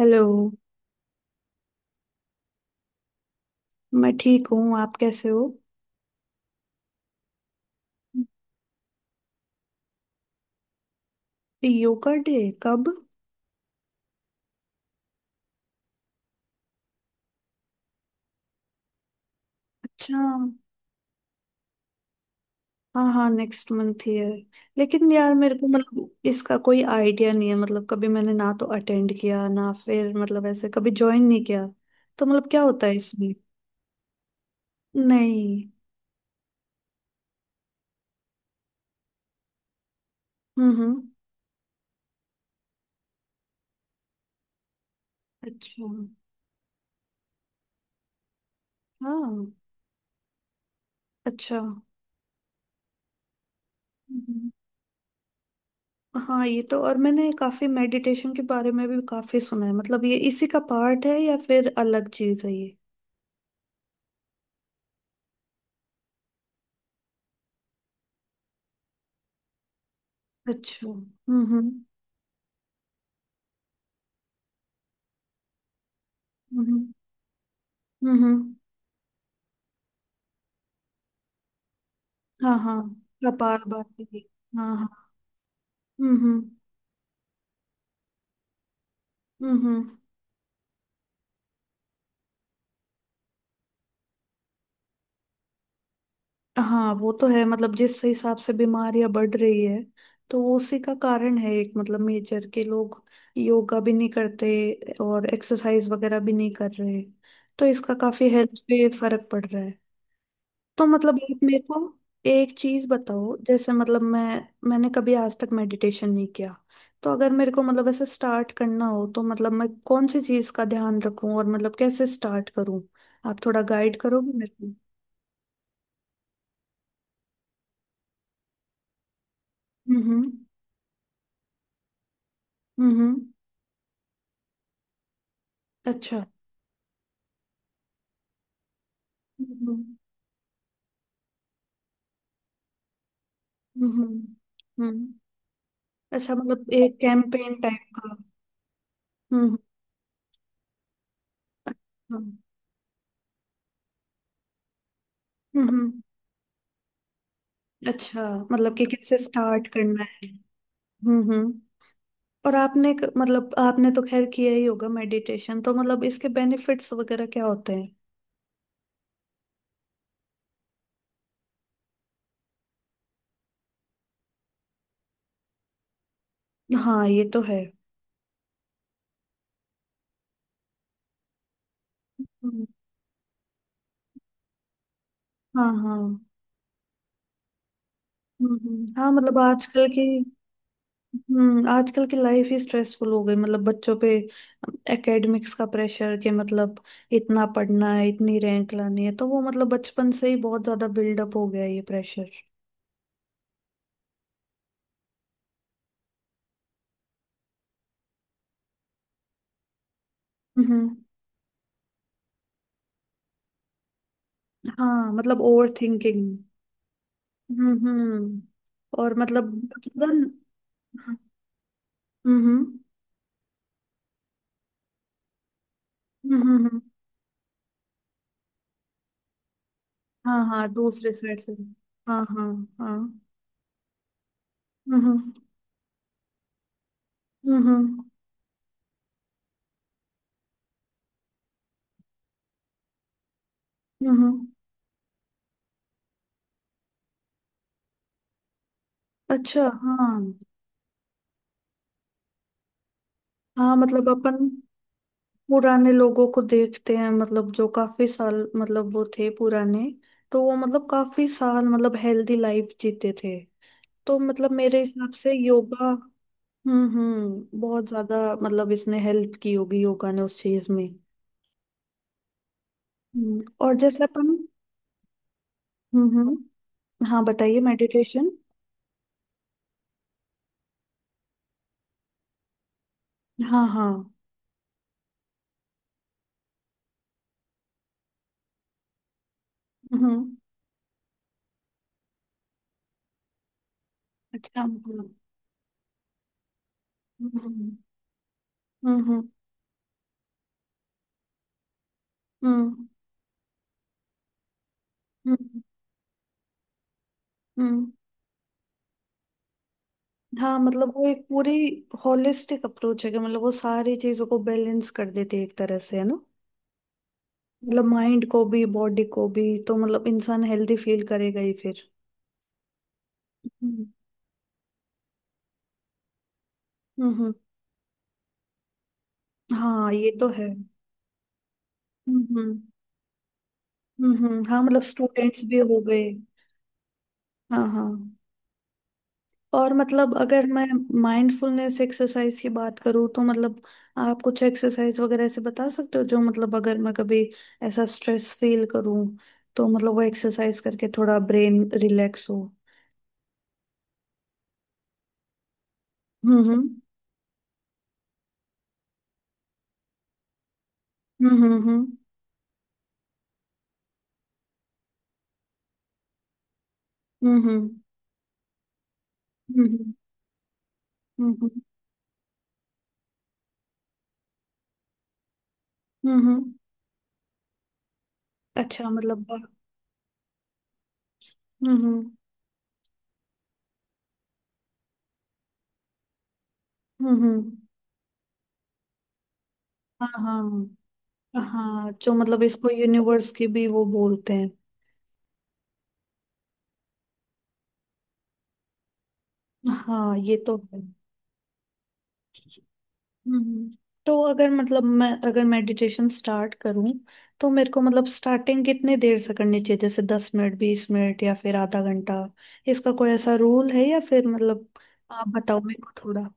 Hello. मैं ठीक हूँ। आप कैसे हो? Yoga day? कब? अच्छा। हाँ हाँ, नेक्स्ट मंथ ही है। लेकिन यार, मेरे को मतलब इसका कोई आइडिया नहीं है। मतलब कभी मैंने ना तो अटेंड किया ना फिर मतलब ऐसे कभी ज्वाइन नहीं किया। तो मतलब क्या होता है इसमें? नहीं। हम्म। अच्छा। हाँ। अच्छा। हम्म, हाँ, ये तो। और मैंने काफी मेडिटेशन के बारे में भी काफी सुना है। मतलब ये इसी का पार्ट है या फिर अलग चीज है ये? अच्छा। हम्म। हम्म हम्म। हम्म। हाँ हाँ। कपाल भाती? हाँ हाँ। हम्म। हम्म, हम्म। हाँ, वो तो है। मतलब जिस हिसाब से बीमारियां बढ़ रही है, तो वो उसी का कारण है। एक मतलब मेजर के लोग योगा भी नहीं करते और एक्सरसाइज वगैरह भी नहीं कर रहे, तो इसका काफी हेल्थ पे फर्क पड़ रहा है। तो मतलब आप मेरे को एक चीज बताओ। जैसे मतलब मैंने कभी आज तक मेडिटेशन नहीं किया। तो अगर मेरे को मतलब ऐसे स्टार्ट करना हो, तो मतलब मैं कौन सी चीज का ध्यान रखूं और मतलब कैसे स्टार्ट करूं? आप थोड़ा गाइड करोगे मेरे को? हम्म हम्म। अच्छा। हम्म हम्म। हम्म। अच्छा, मतलब एक कैंपेन टाइप का? हम्म हम्म। हम्म। अच्छा। मतलब कि कैसे स्टार्ट करना है। हम्म। और आपने मतलब आपने तो खैर किया ही होगा मेडिटेशन। तो मतलब इसके बेनिफिट्स वगैरह क्या होते हैं? हाँ, ये तो है। हम्म, हाँ हाँ। हम्म। हाँ, मतलब आजकल की। आजकल की लाइफ ही स्ट्रेसफुल हो गई। मतलब बच्चों पे एकेडमिक्स का प्रेशर के मतलब इतना पढ़ना है, इतनी रैंक लानी है, तो वो मतलब बचपन से ही बहुत ज्यादा बिल्डअप हो गया है ये प्रेशर। हम्म। हाँ, मतलब ओवर थिंकिंग। हम्म। और मतलब बहुत ज्यादा। हम्म। हम्म। हाँ हाँ, दूसरे साइड से। हाँ हाँ। हाँ। हम्म। हम्म। हम्म हम्म। अच्छा, हाँ। हाँ, मतलब अपन पुराने लोगों को देखते हैं, मतलब जो काफी साल मतलब वो थे पुराने, तो वो मतलब काफी साल मतलब हेल्दी लाइफ जीते थे। तो मतलब मेरे हिसाब से योगा। हम्म, बहुत ज्यादा। मतलब इसने हेल्प की होगी योगा ने उस चीज में। और जैसे अपन। हम्म। हाँ, बताइए मेडिटेशन। हाँ हाँ। हम्म। अच्छा, मतलब। हम्म हम्म। हम्म, हम्म। हम्म, हम्म। हाँ, मतलब वो एक पूरी होलिस्टिक अप्रोच है कि मतलब वो सारी चीजों को बैलेंस कर देती है एक तरह से, है ना? मतलब माइंड को भी, बॉडी को भी। तो मतलब इंसान हेल्दी फील करेगा ही फिर। हम्म हम्म। हाँ, ये तो है। हम्म। हाँ, मतलब स्टूडेंट्स भी हो गए। हाँ हाँ। और मतलब अगर मैं माइंडफुलनेस एक्सरसाइज की बात करूँ, तो मतलब आप कुछ एक्सरसाइज वगैरह ऐसे बता सकते हो जो मतलब अगर मैं कभी ऐसा स्ट्रेस फील करूँ, तो मतलब वो एक्सरसाइज करके थोड़ा ब्रेन रिलैक्स हो। हम्म। हम्म। हम्म हम्म। हम्म हम्म। हम्म। अच्छा, मतलब। हम्म। हम्म। हाँ हाँ हाँ, जो मतलब इसको यूनिवर्स की भी वो बोलते हैं। हाँ, ये तो है। हम्म। तो अगर मतलब मैं अगर मेडिटेशन स्टार्ट करूं, तो मेरे को मतलब स्टार्टिंग कितने देर से करनी चाहिए? जैसे 10 मिनट, 20 मिनट या फिर आधा घंटा? इसका कोई ऐसा रूल है या फिर मतलब आप बताओ मेरे को थोड़ा।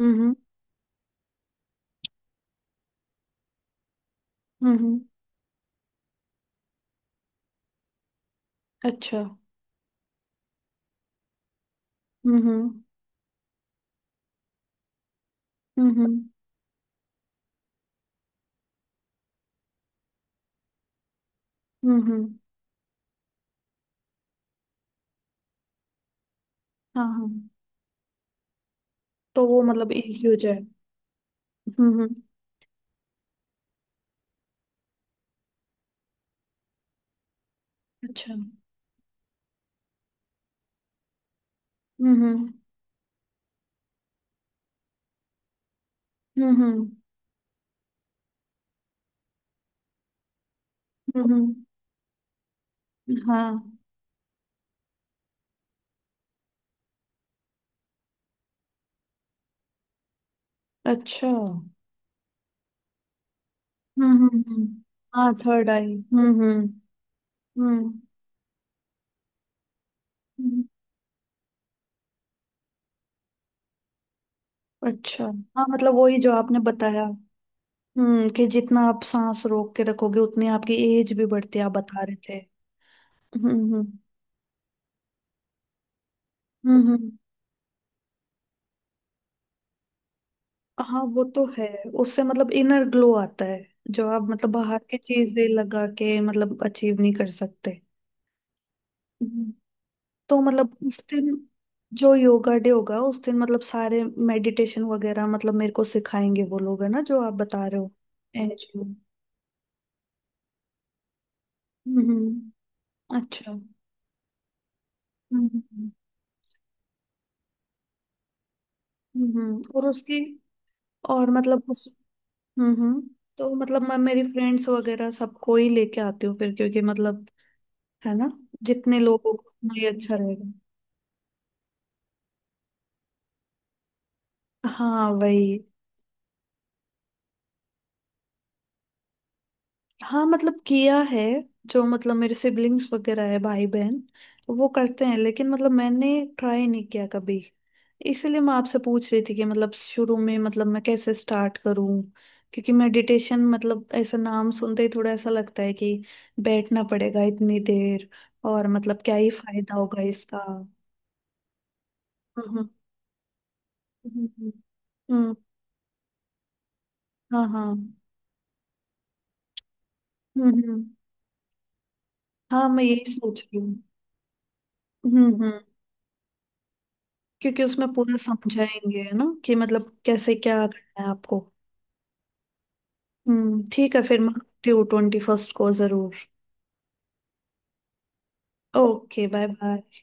हम्म हम्म। हम्म। अच्छा। हम्म। हम्म हम्म, हम्म। हाँ हाँ। तो वो मतलब इजी हो जाए। हम्म हम्म। अच्छा। हम्म। हम्म हम्म, हम्म, हाँ। अच्छा। हम्म। हम्म। हाँ, थर्ड आई। हम्म। हम्म। हम्म। अच्छा। हाँ, मतलब वही जो आपने बताया। कि जितना आप सांस रोक के रखोगे उतनी आपकी एज भी बढ़ती है, आप बता रहे थे। हम्म। हम्म हम्म। हाँ, वो तो है। उससे मतलब इनर ग्लो आता है। जो आप मतलब बाहर की चीजें लगा के मतलब अचीव नहीं कर सकते। हम्म। तो मतलब उस दिन जो योगा डे होगा, उस दिन मतलब सारे मेडिटेशन वगैरह मतलब मेरे को सिखाएंगे वो लोग, है ना, जो आप बता रहे हो? एनजीओ। हम्म। अच्छा। हम्म हम्म। और उसकी। और मतलब उस। हम्म। तो मतलब मैं मेरी फ्रेंड्स वगैरह सबको ही लेके आती हूँ फिर, क्योंकि मतलब। है ना? जितने लोगों को उतना ही अच्छा रहेगा। हाँ, वही। हाँ, मतलब किया है। जो मतलब मेरे सिबलिंग्स वगैरह है, भाई बहन। वो करते हैं लेकिन मतलब मैंने ट्राई नहीं किया कभी। इसलिए मैं आपसे पूछ रही थी कि मतलब शुरू में मतलब मैं कैसे स्टार्ट करूं? क्योंकि मेडिटेशन मतलब ऐसा नाम सुनते ही थोड़ा ऐसा लगता है कि बैठना पड़ेगा इतनी देर, और मतलब क्या ही फायदा होगा इसका? हम्म हम्म। हम्म। हाँ हाँ। हम्म। हाँ, मैं यही सोच रही हूँ। हम्म। क्योंकि उसमें पूरा समझाएंगे, है ना, कि मतलब कैसे क्या करना है आपको। ठीक है, फिर मैं आती हूँ 21st को जरूर। Okay, bye bye.